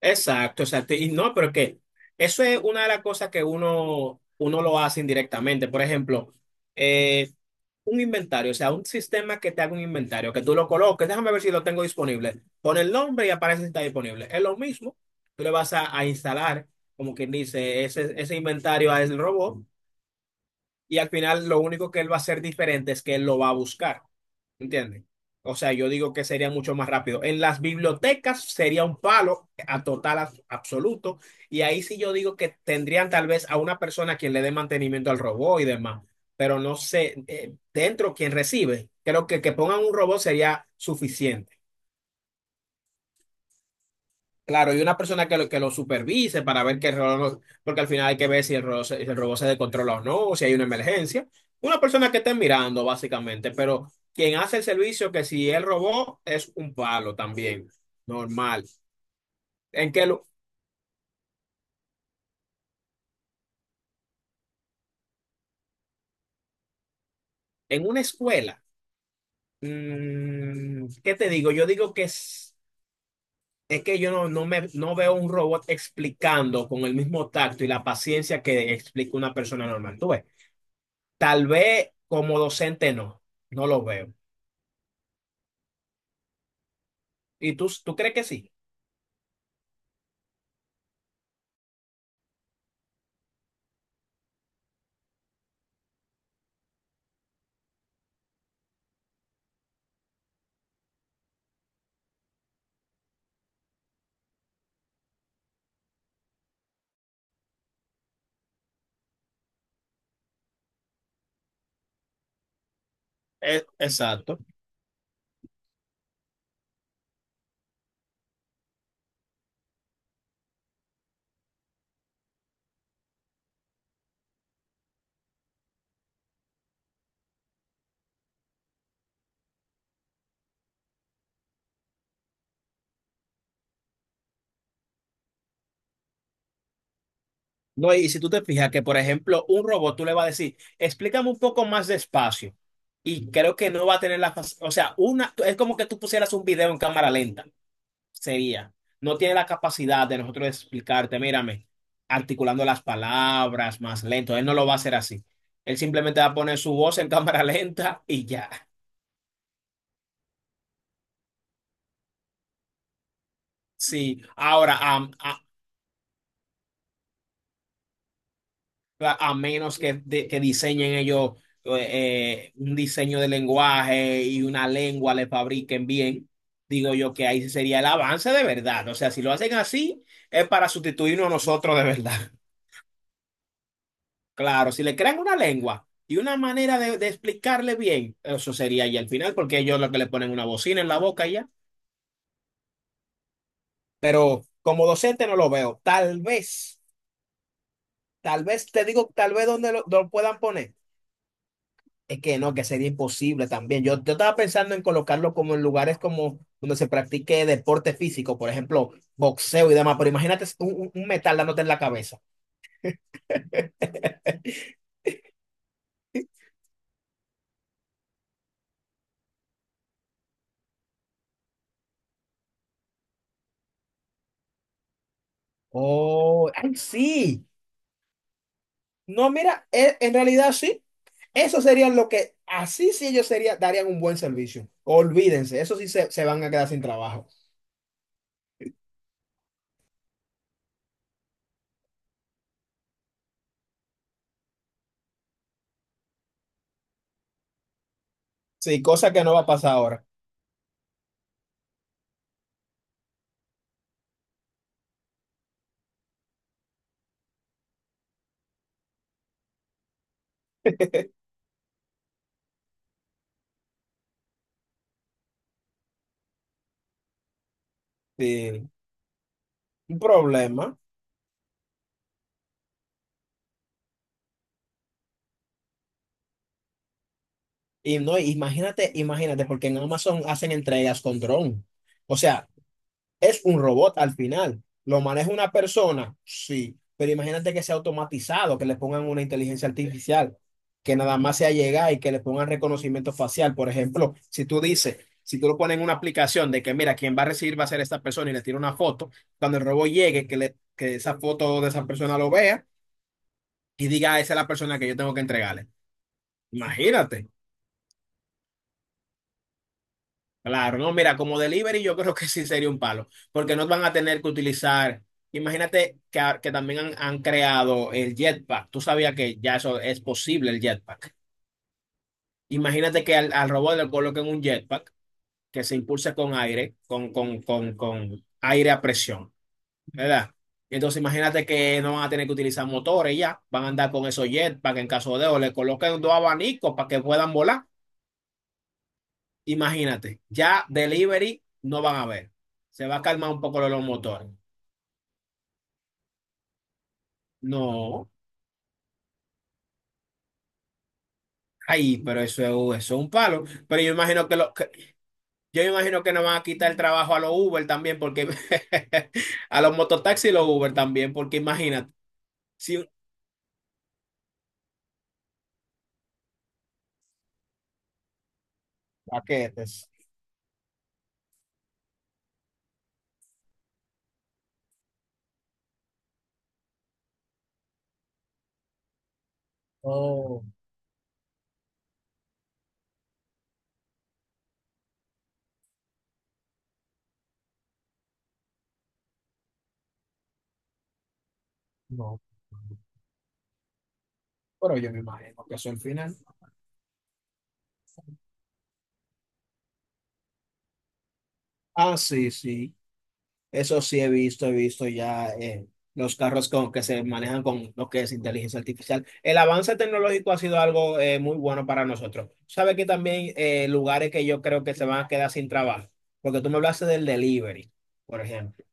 Exacto, exacto. Y no, pero es que eso es una de las cosas que uno lo hace indirectamente. Por ejemplo, eh, un inventario, o sea, un sistema que te haga un inventario, que tú lo coloques, déjame ver si lo tengo disponible. Pon el nombre y aparece si está disponible. Es lo mismo, tú le vas a instalar, como quien dice, ese inventario al robot y al final lo único que él va a hacer diferente es que él lo va a buscar. ¿Entiendes? O sea, yo digo que sería mucho más rápido. En las bibliotecas sería un palo a total absoluto. Y ahí sí yo digo que tendrían tal vez a una persona quien le dé mantenimiento al robot y demás. Pero no sé, dentro quien recibe, creo que pongan un robot sería suficiente. Claro, y una persona que lo supervise para ver que el reloj, porque al final hay que ver si el reloj, si el robot se descontrola o no, o si hay una emergencia. Una persona que esté mirando, básicamente, pero quien hace el servicio, que si el robot es un palo también, normal. En que lo- en una escuela, mm, ¿qué te digo? Yo digo que es que yo no, no me, no veo un robot explicando con el mismo tacto y la paciencia que explica una persona normal. Tú ves, tal vez como docente no, no lo veo. ¿Y tú crees que sí? Exacto. No, y si tú te fijas que, por ejemplo, un robot tú le vas a decir, explícame un poco más despacio. Y creo que no va a tener la O sea, una, es como que tú pusieras un video en cámara lenta. Sería. No tiene la capacidad de nosotros explicarte, mírame, articulando las palabras más lento. Él no lo va a hacer así. Él simplemente va a poner su voz en cámara lenta y ya. Sí. Ahora, a menos que, que diseñen ellos un diseño de lenguaje y una lengua le fabriquen bien, digo yo que ahí sí sería el avance de verdad. O sea, si lo hacen así, es para sustituirnos a nosotros de verdad. Claro, si le crean una lengua y una manera de explicarle bien, eso sería ya al final, porque ellos lo que le ponen una bocina en la boca y ya. Pero como docente no lo veo. Tal vez, te digo, tal vez donde lo puedan poner. Es que no, que sería imposible también. Yo estaba pensando en colocarlo como en lugares como donde se practique deporte físico, por ejemplo, boxeo y demás, pero imagínate un, metal dándote en la cabeza. Oh, ay, sí. No, mira, en realidad sí. Eso sería lo que, así sí ellos sería, darían un buen servicio. Olvídense, eso sí se van a quedar sin trabajo. Sí, cosa que no va a pasar ahora. Sí, un problema. Y no, imagínate, imagínate, porque en Amazon hacen entregas con dron. O sea, es un robot al final. ¿Lo maneja una persona? Sí, pero imagínate que sea automatizado, que le pongan una inteligencia artificial, que nada más sea llegar y que le pongan reconocimiento facial. Por ejemplo, si tú dices, si tú lo pones en una aplicación de que, mira, quien va a recibir va a ser esta persona y le tira una foto, cuando el robot llegue, que, le, que esa foto de esa persona lo vea y diga, "Ah, esa es la persona que yo tengo que entregarle". Imagínate. Claro, no, mira, como delivery yo creo que sí sería un palo, porque no van a tener que utilizar, imagínate que, que también han, han creado el jetpack, tú sabías que ya eso es posible el jetpack. Imagínate que al, al robot le coloquen un jetpack que se impulse con aire, con aire a presión, ¿verdad? Entonces imagínate que no van a tener que utilizar motores ya, van a andar con esos jetpack en caso de, o le coloquen dos abanicos para que puedan volar. Imagínate, ya delivery no van a ver. Se va a calmar un poco lo de los motores. No, ay, pero eso es un palo. Pero yo imagino que, lo, yo imagino que nos van a quitar el trabajo a los Uber también, porque a los mototaxis y los Uber también, porque imagínate, si paquetes. Oh, no. Pero yo me imagino que eso al final. Ah, sí, sí. Eso sí he visto ya los carros con, que se manejan con lo que es inteligencia artificial. El avance tecnológico ha sido algo muy bueno para nosotros. Sabe que también lugares que yo creo que se van a quedar sin trabajo, porque tú me hablaste del delivery, por ejemplo,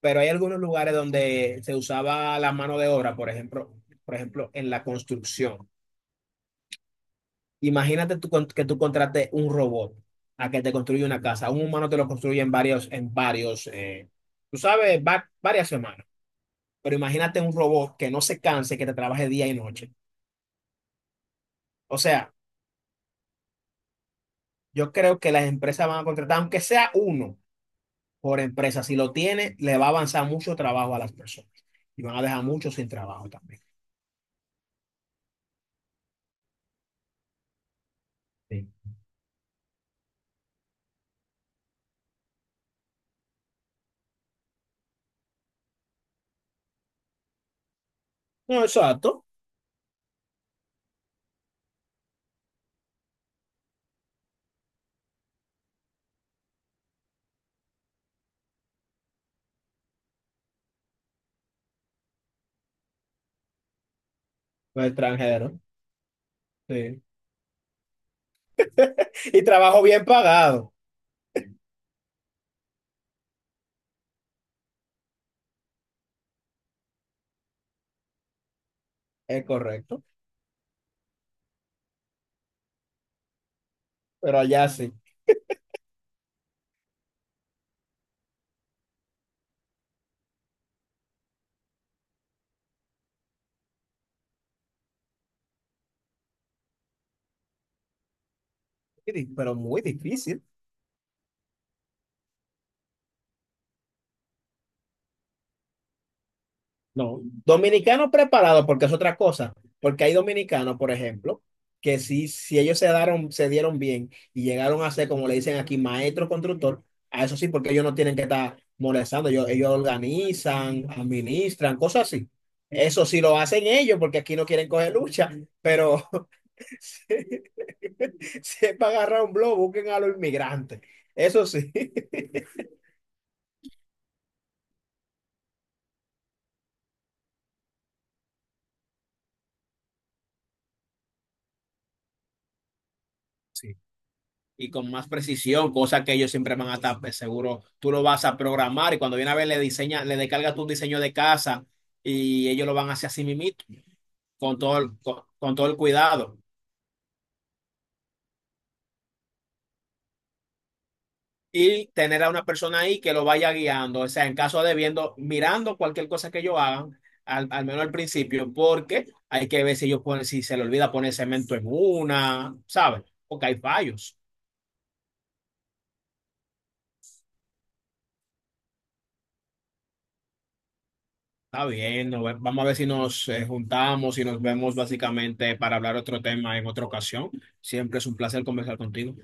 pero hay algunos lugares donde se usaba la mano de obra, por ejemplo, en la construcción. Imagínate tú que tú contrates un robot a que te construya una casa. Un humano te lo construye en varios, tú sabes, varias semanas. Pero imagínate un robot que no se canse, que te trabaje día y noche. O sea, yo creo que las empresas van a contratar, aunque sea uno por empresa, si lo tiene, le va a avanzar mucho trabajo a las personas. Y van a dejar muchos sin trabajo también. Sí. No, exacto. Los extranjeros. Sí. Y trabajo bien pagado. Es correcto. Pero allá sí. Pero muy difícil. No, dominicanos preparados porque es otra cosa, porque hay dominicanos, por ejemplo, que si, si ellos se daron, se dieron bien y llegaron a ser, como le dicen aquí, maestro constructor, a eso sí, porque ellos no tienen que estar molestando, ellos organizan, administran, cosas así. Eso sí lo hacen ellos, porque aquí no quieren coger lucha, pero si si es para agarrar un blog, busquen a los inmigrantes. Eso sí. Sí. Y con más precisión, cosa que ellos siempre van a estar pues, seguro. Tú lo vas a programar y cuando viene a ver le diseña, le descargas tu diseño de casa y ellos lo van a hacer así mimito, con todo el cuidado. Y tener a una persona ahí que lo vaya guiando, o sea, en caso de viendo, mirando cualquier cosa que ellos hagan, al, al menos al principio, porque hay que ver si ellos ponen, si se le olvida poner cemento en una, ¿sabes? Porque hay fallos. Está bien, nos vamos a ver si nos juntamos y nos vemos básicamente para hablar otro tema en otra ocasión. Siempre es un placer conversar contigo.